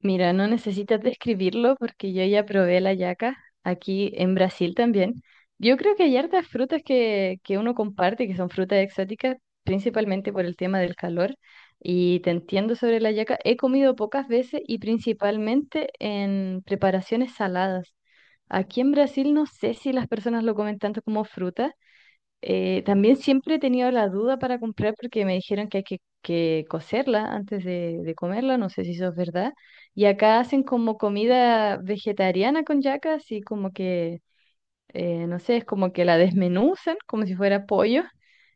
Mira, no necesitas describirlo porque yo ya probé la yaca aquí en Brasil también. Yo creo que hay hartas frutas que uno comparte, que son frutas exóticas, principalmente por el tema del calor. Y te entiendo sobre la yaca. He comido pocas veces y principalmente en preparaciones saladas. Aquí en Brasil no sé si las personas lo comen tanto como fruta, también siempre he tenido la duda para comprar porque me dijeron que hay que cocerla antes de comerla, no sé si eso es verdad. Y acá hacen como comida vegetariana con yaca, así como que, no sé, es como que la desmenuzan como si fuera pollo,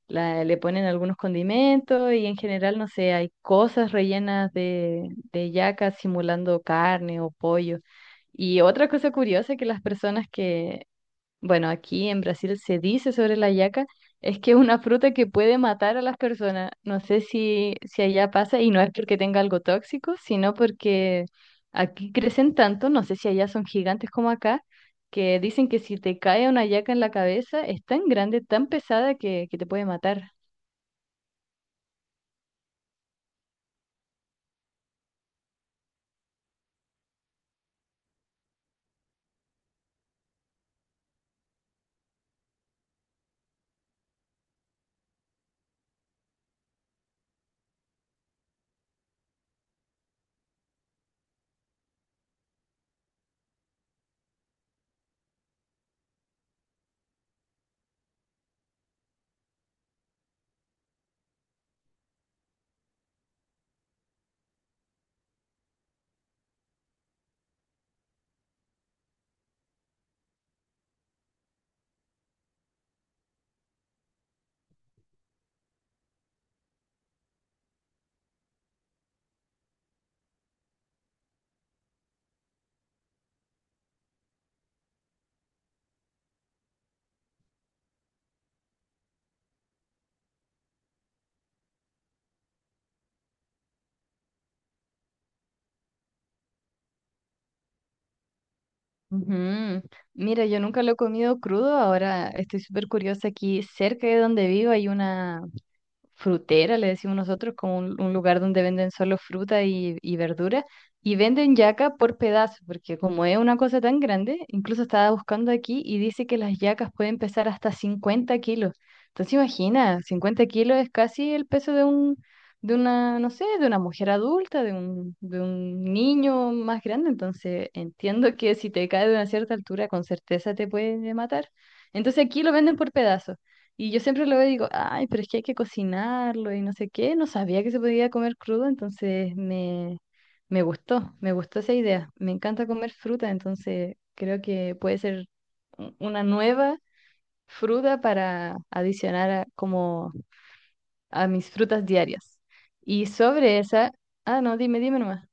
la, le ponen algunos condimentos y en general, no sé, hay cosas rellenas de yaca simulando carne o pollo. Y otra cosa curiosa que las personas que bueno, aquí en Brasil se dice sobre la yaca, es que es una fruta que puede matar a las personas. No sé si allá pasa, y no es porque tenga algo tóxico, sino porque aquí crecen tanto, no sé si allá son gigantes como acá, que dicen que si te cae una yaca en la cabeza, es tan grande, tan pesada que te puede matar. Ujú. Mira, yo nunca lo he comido crudo, ahora estoy súper curiosa. Aquí cerca de donde vivo hay una, frutera, le decimos nosotros, como un lugar donde venden solo fruta y verdura, y venden yaca por pedazo, porque como es una cosa tan grande, incluso estaba buscando aquí y dice que las yacas pueden pesar hasta 50 kilos. Entonces imagina, 50 kilos es casi el peso de un, de una, no sé, de una mujer adulta, de un niño más grande, entonces entiendo que si te cae de una cierta altura, con certeza te puede matar. Entonces aquí lo venden por pedazo. Y yo siempre lo veo y digo, ay, pero es que hay que cocinarlo y no sé qué. No sabía que se podía comer crudo, entonces me, me gustó esa idea. Me encanta comer fruta, entonces creo que puede ser una nueva fruta para adicionar a, como a mis frutas diarias. Y sobre esa, ah, no, dime, dime nomás.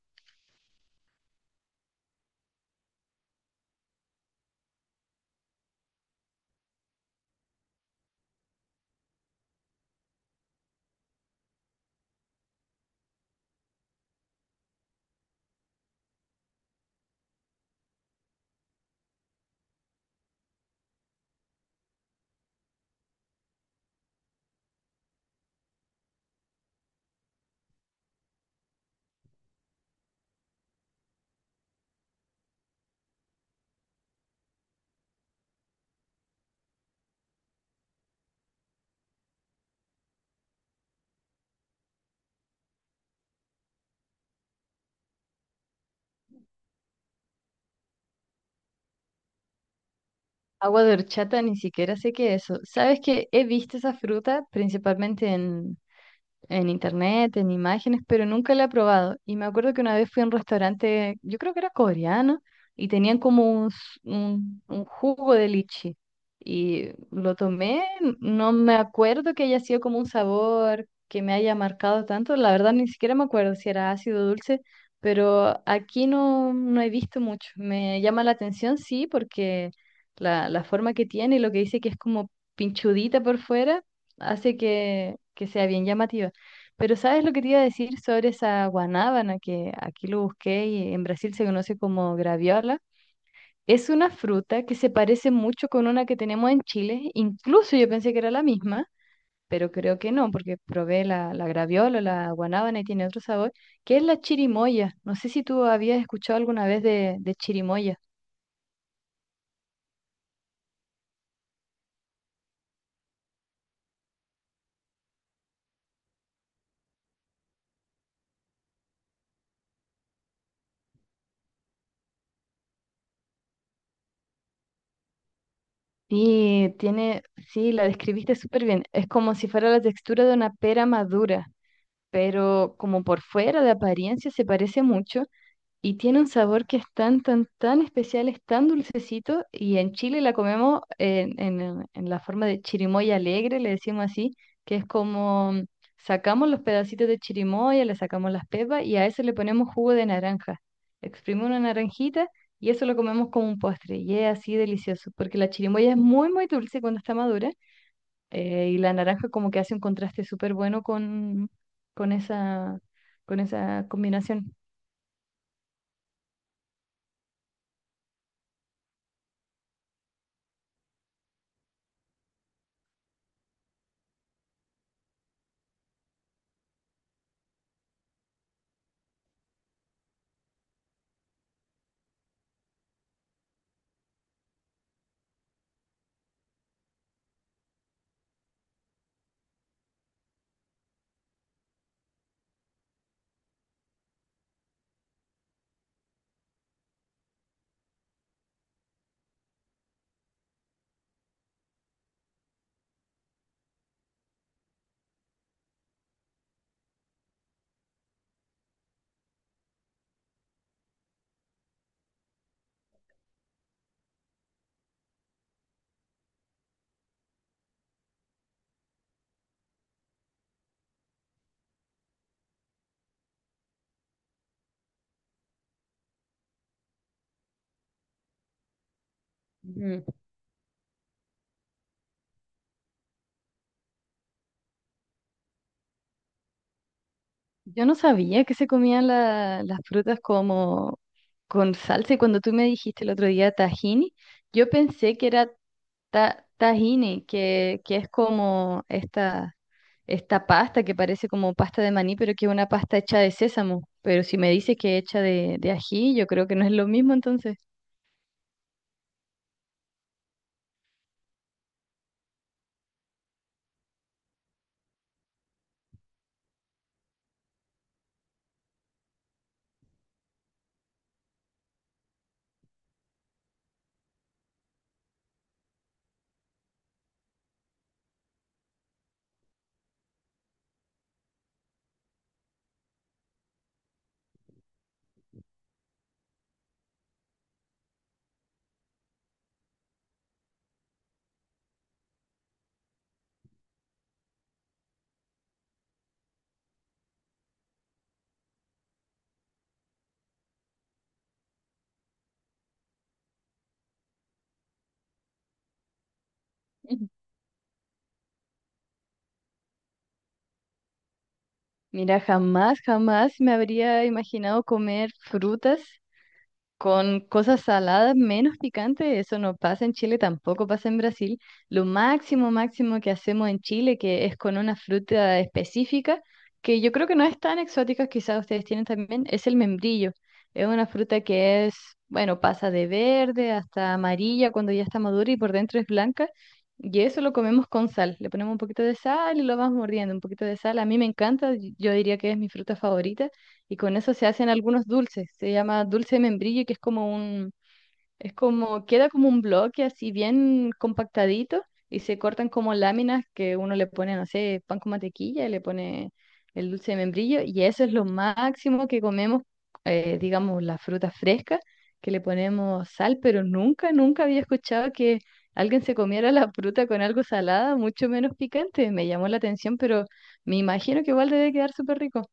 Agua de horchata, ni siquiera sé qué es eso. ¿Sabes que he visto esa fruta principalmente en internet, en imágenes, pero nunca la he probado? Y me acuerdo que una vez fui a un restaurante, yo creo que era coreano, y tenían como un, un jugo de lichi. Y lo tomé, no me acuerdo que haya sido como un sabor que me haya marcado tanto, la verdad ni siquiera me acuerdo si era ácido o dulce, pero aquí no, no he visto mucho. Me llama la atención, sí, porque la forma que tiene y lo que dice que es como pinchudita por fuera, hace que sea bien llamativa. Pero ¿sabes lo que te iba a decir sobre esa guanábana que aquí lo busqué y en Brasil se conoce como graviola? Es una fruta que se parece mucho con una que tenemos en Chile, incluso yo pensé que era la misma, pero creo que no, porque probé la, la graviola, la guanábana y tiene otro sabor, que es la chirimoya. No sé si tú habías escuchado alguna vez de chirimoya. Sí, tiene, sí, la describiste súper bien. Es como si fuera la textura de una pera madura, pero como por fuera de apariencia se parece mucho. Y tiene un sabor que es tan, tan, tan especial, es tan dulcecito. Y en Chile la comemos en, en la forma de chirimoya alegre, le decimos así, que es como mm, sacamos los pedacitos de chirimoya, le sacamos las pepas y a eso le ponemos jugo de naranja. Exprimimos una naranjita y eso lo comemos como un postre. Y es así delicioso, porque la chirimoya es muy, muy dulce cuando está madura. Y la naranja como que hace un contraste súper bueno con esa, con esa combinación. Ujú. Yo no sabía que se comían las frutas como con salsa y cuando tú me dijiste el otro día tahini, yo pensé que era tahini, que es como esta pasta que parece como pasta de maní, pero que es una pasta hecha de sésamo. Pero si me dices que es hecha de ají, yo creo que no es lo mismo entonces. Mira, jamás, jamás me habría imaginado comer frutas. Con cosas saladas menos picantes, eso no pasa en Chile, tampoco pasa en Brasil. Lo máximo, máximo que hacemos en Chile, que es con una fruta específica, que yo creo que no es tan exótica, quizás ustedes tienen también, es el membrillo. Es una fruta que es, bueno, pasa de verde hasta amarilla cuando ya está madura y por dentro es blanca. Y eso lo comemos con sal. Le ponemos un poquito de sal y lo vamos mordiendo, un poquito de sal. A mí me encanta, yo diría que es mi fruta favorita y con eso se hacen algunos dulces. Se llama dulce de membrillo, que es como un, es como, queda como un bloque así bien compactadito y se cortan como láminas que uno le pone, no sé, pan con mantequilla y le pone el dulce de membrillo y eso es lo máximo que comemos, digamos, la fruta fresca, que le ponemos sal, pero nunca, nunca había escuchado que... Alguien se comiera la fruta con algo salada, mucho menos picante, me llamó la atención, pero me imagino que igual debe quedar súper rico.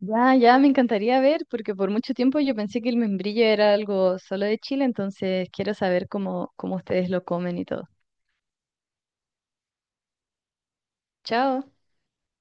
Ya, ya me encantaría ver, porque por mucho tiempo yo pensé que el membrillo era algo solo de Chile, entonces quiero saber cómo, cómo ustedes lo comen y todo. Chao.